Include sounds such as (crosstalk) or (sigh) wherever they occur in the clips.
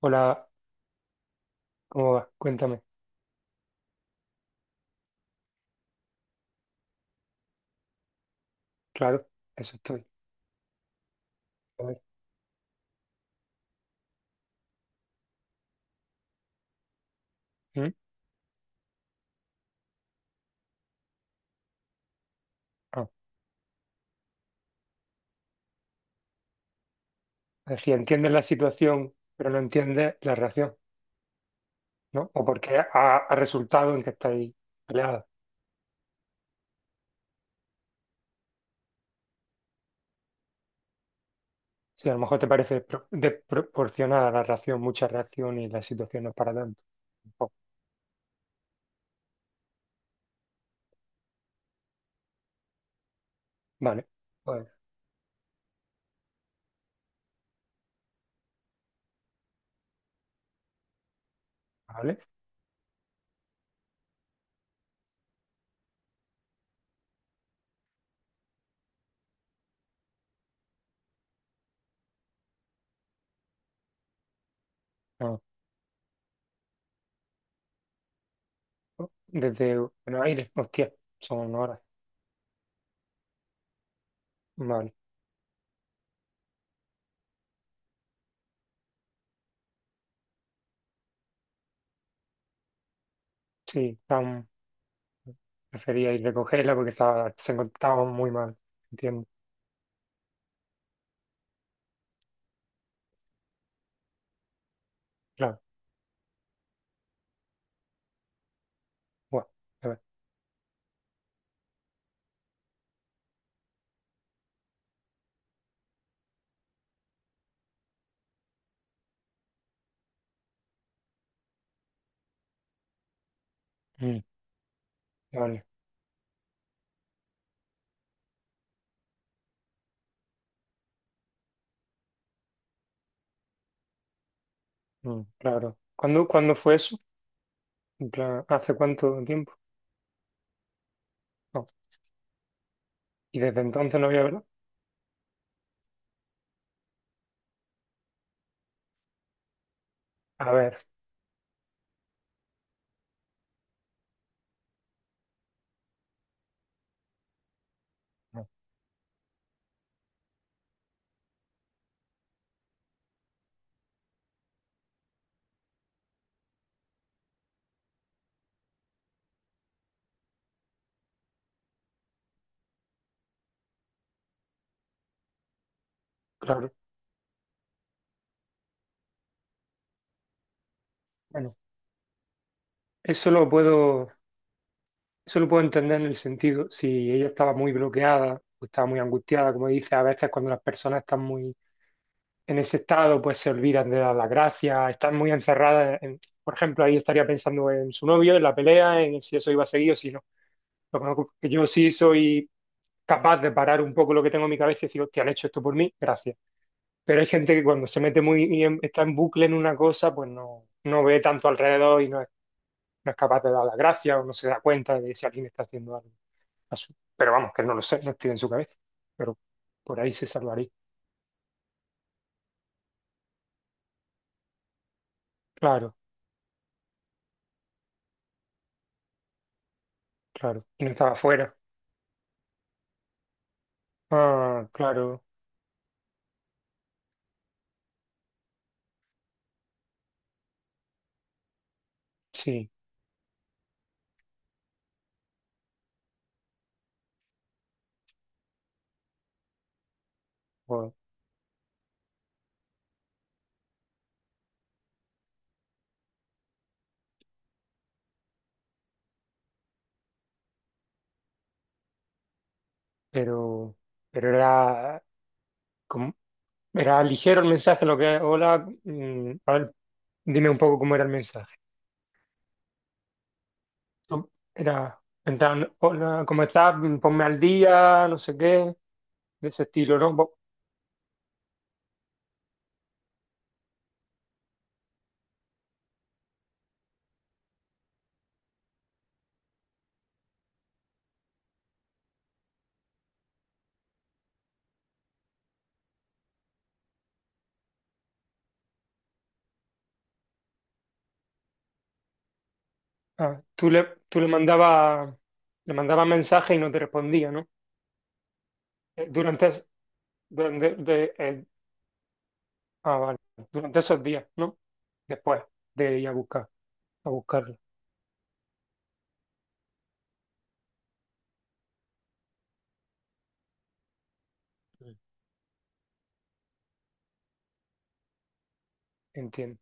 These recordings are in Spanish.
Hola, ¿cómo vas? Cuéntame. Claro, eso estoy. A ver. ¿Mm? Ah, decía, entiendes la situación, pero no entiendes la reacción, ¿no? O porque ha resultado en que estáis peleados. Si a lo mejor te parece desproporcionada la reacción, mucha reacción y la situación no es para tanto. Oh, vale, pues, vale. Ah, oh, desde Buenos Aires, hostia, son horas. Vale, sí, tan, prefería ir a recogerla porque estaba, se encontraba muy mal. Entiendo, claro. Buah, a ver, mm, vale. Mm, claro. ¿Cuándo fue eso? En plan, ¿hace cuánto tiempo? No. Y desde entonces no había hablado. A ver, no, claro. Bueno, eso lo puedo, eso lo puedo entender en el sentido, si ella estaba muy bloqueada o estaba muy angustiada, como dice, a veces cuando las personas están muy en ese estado, pues se olvidan de dar las gracias, están muy encerradas en, por ejemplo, ahí estaría pensando en su novio, en la pelea, en si eso iba a seguir o si no. Lo conozco, que yo sí soy capaz de parar un poco lo que tengo en mi cabeza y decir, hostia, han hecho esto por mí, gracias. Pero hay gente que cuando se mete muy está en bucle en una cosa, pues no, no ve tanto alrededor y no es capaz de dar las gracias o no se da cuenta de si alguien está haciendo algo. Pero vamos, que no lo sé, no estoy en su cabeza. Pero por ahí se salvaría. Claro, claro. Y no estaba fuera. Ah, claro, sí. Bueno, pero, pero era, como, era ligero el mensaje, lo que, hola, a ver, dime un poco cómo era el mensaje. No, era, en plan, hola, ¿cómo estás? Mm, ponme al día, no sé qué. De ese estilo, ¿no? Ah, tú le, tú le mandabas le mandabas mensaje y no te respondía, ¿no? Durante, es- durante, de- el- ah, vale. Durante esos días, ¿no? Después de ir a buscar, a buscarla. Mm. Entiendo,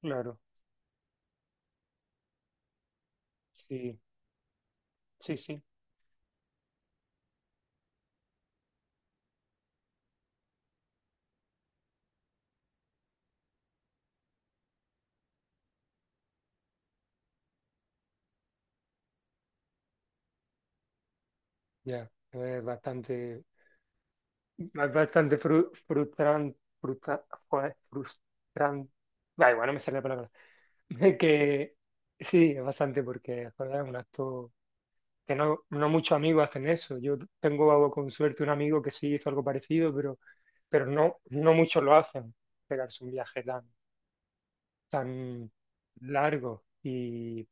claro. Sí, sí, sí. Ya. Es bastante joder, frustrante. Da igual, no me sale la palabra. (laughs) Que sí, es bastante porque joder, es un acto que no, no muchos amigos hacen eso. Yo tengo con suerte un amigo que sí hizo algo parecido, pero no, no muchos lo hacen, pegarse un viaje tan largo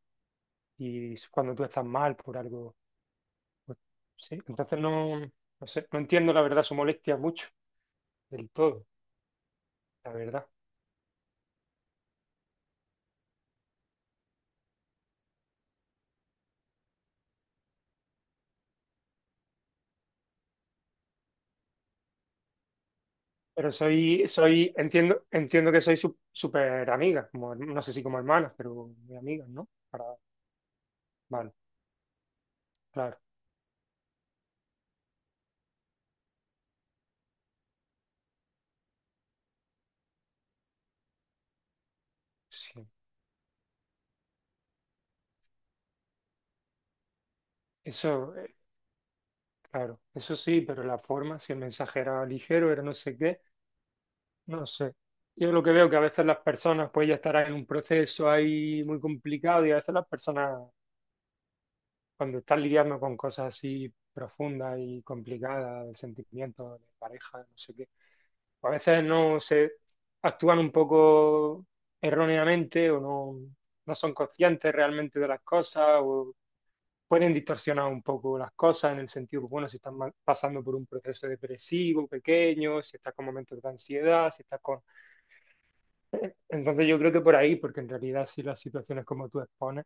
y cuando tú estás mal por algo. Pues, sí, entonces no, no sé, no entiendo la verdad su molestia mucho, del todo, la verdad. Pero entiendo que súper amiga, como, no sé si como hermanas, pero muy amigas, ¿no? Para, vale, claro, sí. Eso, claro, eso sí, pero la forma, si el mensaje era ligero, era no sé qué, no sé. Yo lo que veo que a veces las personas pues ya estarán en un proceso ahí muy complicado y a veces las personas cuando están lidiando con cosas así profundas y complicadas, de sentimientos, de pareja, no sé qué, pues a veces no se actúan un poco erróneamente o no, no son conscientes realmente de las cosas o pueden distorsionar un poco las cosas en el sentido, bueno, si estás pasando por un proceso depresivo pequeño, si estás con momentos de ansiedad, si estás con... (laughs) Entonces yo creo que por ahí, porque en realidad si las situaciones como tú expones,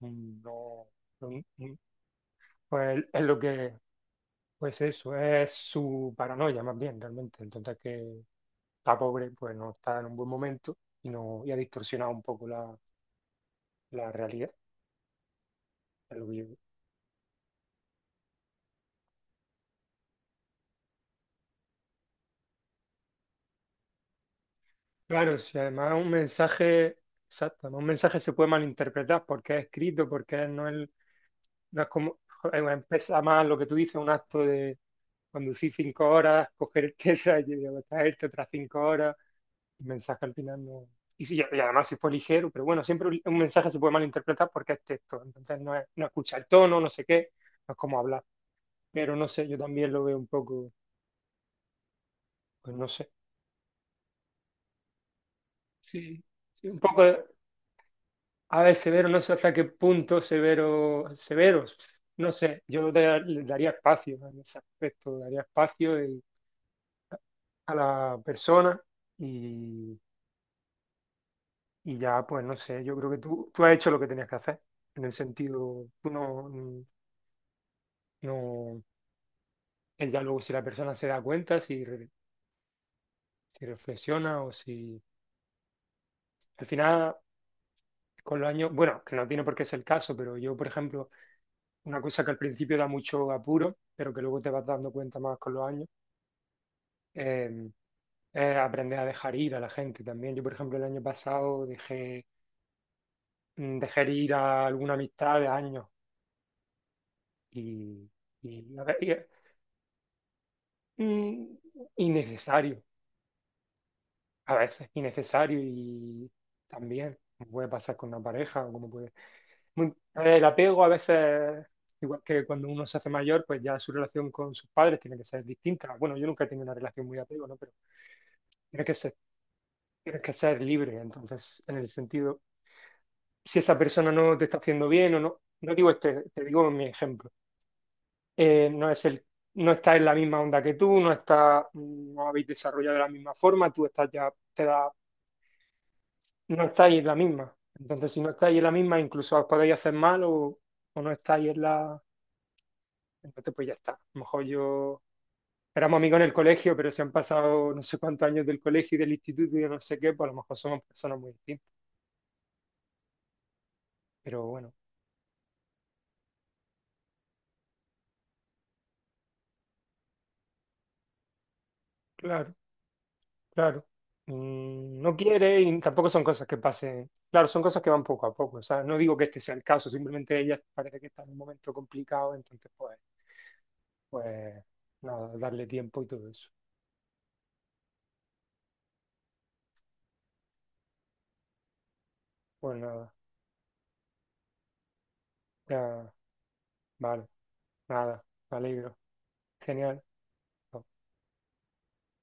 mm, no, no- mm, pues es lo que, pues eso, es su paranoia más bien realmente. Entonces que está pobre pues no está en un buen momento y, no, y ha distorsionado un poco la, la realidad. Es lo que yo. Claro, si además un mensaje, exacto, un mensaje se puede malinterpretar porque es escrito, porque no es como, joder, pesa más lo que tú dices, un acto de conducir cinco horas, (laughs) coger esa y luego traerte otras cinco horas, el mensaje al final no. Y, sí, y además si fue ligero, pero bueno, siempre un mensaje se puede malinterpretar porque es texto, entonces no, es, no escucha el tono, no sé qué, no es como hablar, pero no sé, yo también lo veo un poco, pues no sé, sí, sí, un poco. A ver, severo, no sé hasta qué punto severo, severos. No sé, le daría espacio ¿no? en ese aspecto, daría espacio y- a la persona y, y ya, pues no sé, yo creo que tú has hecho lo que tenías que hacer, en el sentido, tú no, no, es ya luego si la persona se da cuenta, si reflexiona o si, al final, con los años, bueno, que no tiene por qué ser el caso, pero yo, por ejemplo, una cosa que al principio da mucho apuro, pero que luego te vas dando cuenta más con los años eh, aprender a dejar ir a la gente también. Yo, por ejemplo, el año pasado dejé ir a alguna amistad de años y, y, a ve- y, mm, innecesario, a veces innecesario y también como puede pasar con una pareja o como puede... El apego a veces, igual que cuando uno se hace mayor, pues ya su relación con sus padres tiene que ser distinta. Bueno, yo nunca he tenido una relación muy de apego, ¿no? Pero tienes que ser, tienes que ser libre, entonces, en el sentido si esa persona no te está haciendo bien o no, no digo este, te digo mi ejemplo. Eh, no es el, no está en la misma onda que tú, no está, no habéis desarrollado de la misma forma, tú estás ya, te da, no estáis en la misma. Entonces, si no estáis en la misma, incluso os podéis hacer mal o no estáis en la, entonces pues ya está. A lo mejor yo éramos amigos en el colegio, pero se han pasado no sé cuántos años del colegio y del instituto y de no sé qué, pues a lo mejor somos personas muy distintas. Pero bueno, claro. Claro. Mm, no quiere y tampoco son cosas que pasen. Claro, son cosas que van poco a poco. O sea, no digo que este sea el caso, simplemente ella parece que está en un momento complicado, entonces pues, pues nada, darle tiempo y todo eso. Pues nada, ya, vale, nada, me alegro. Genial.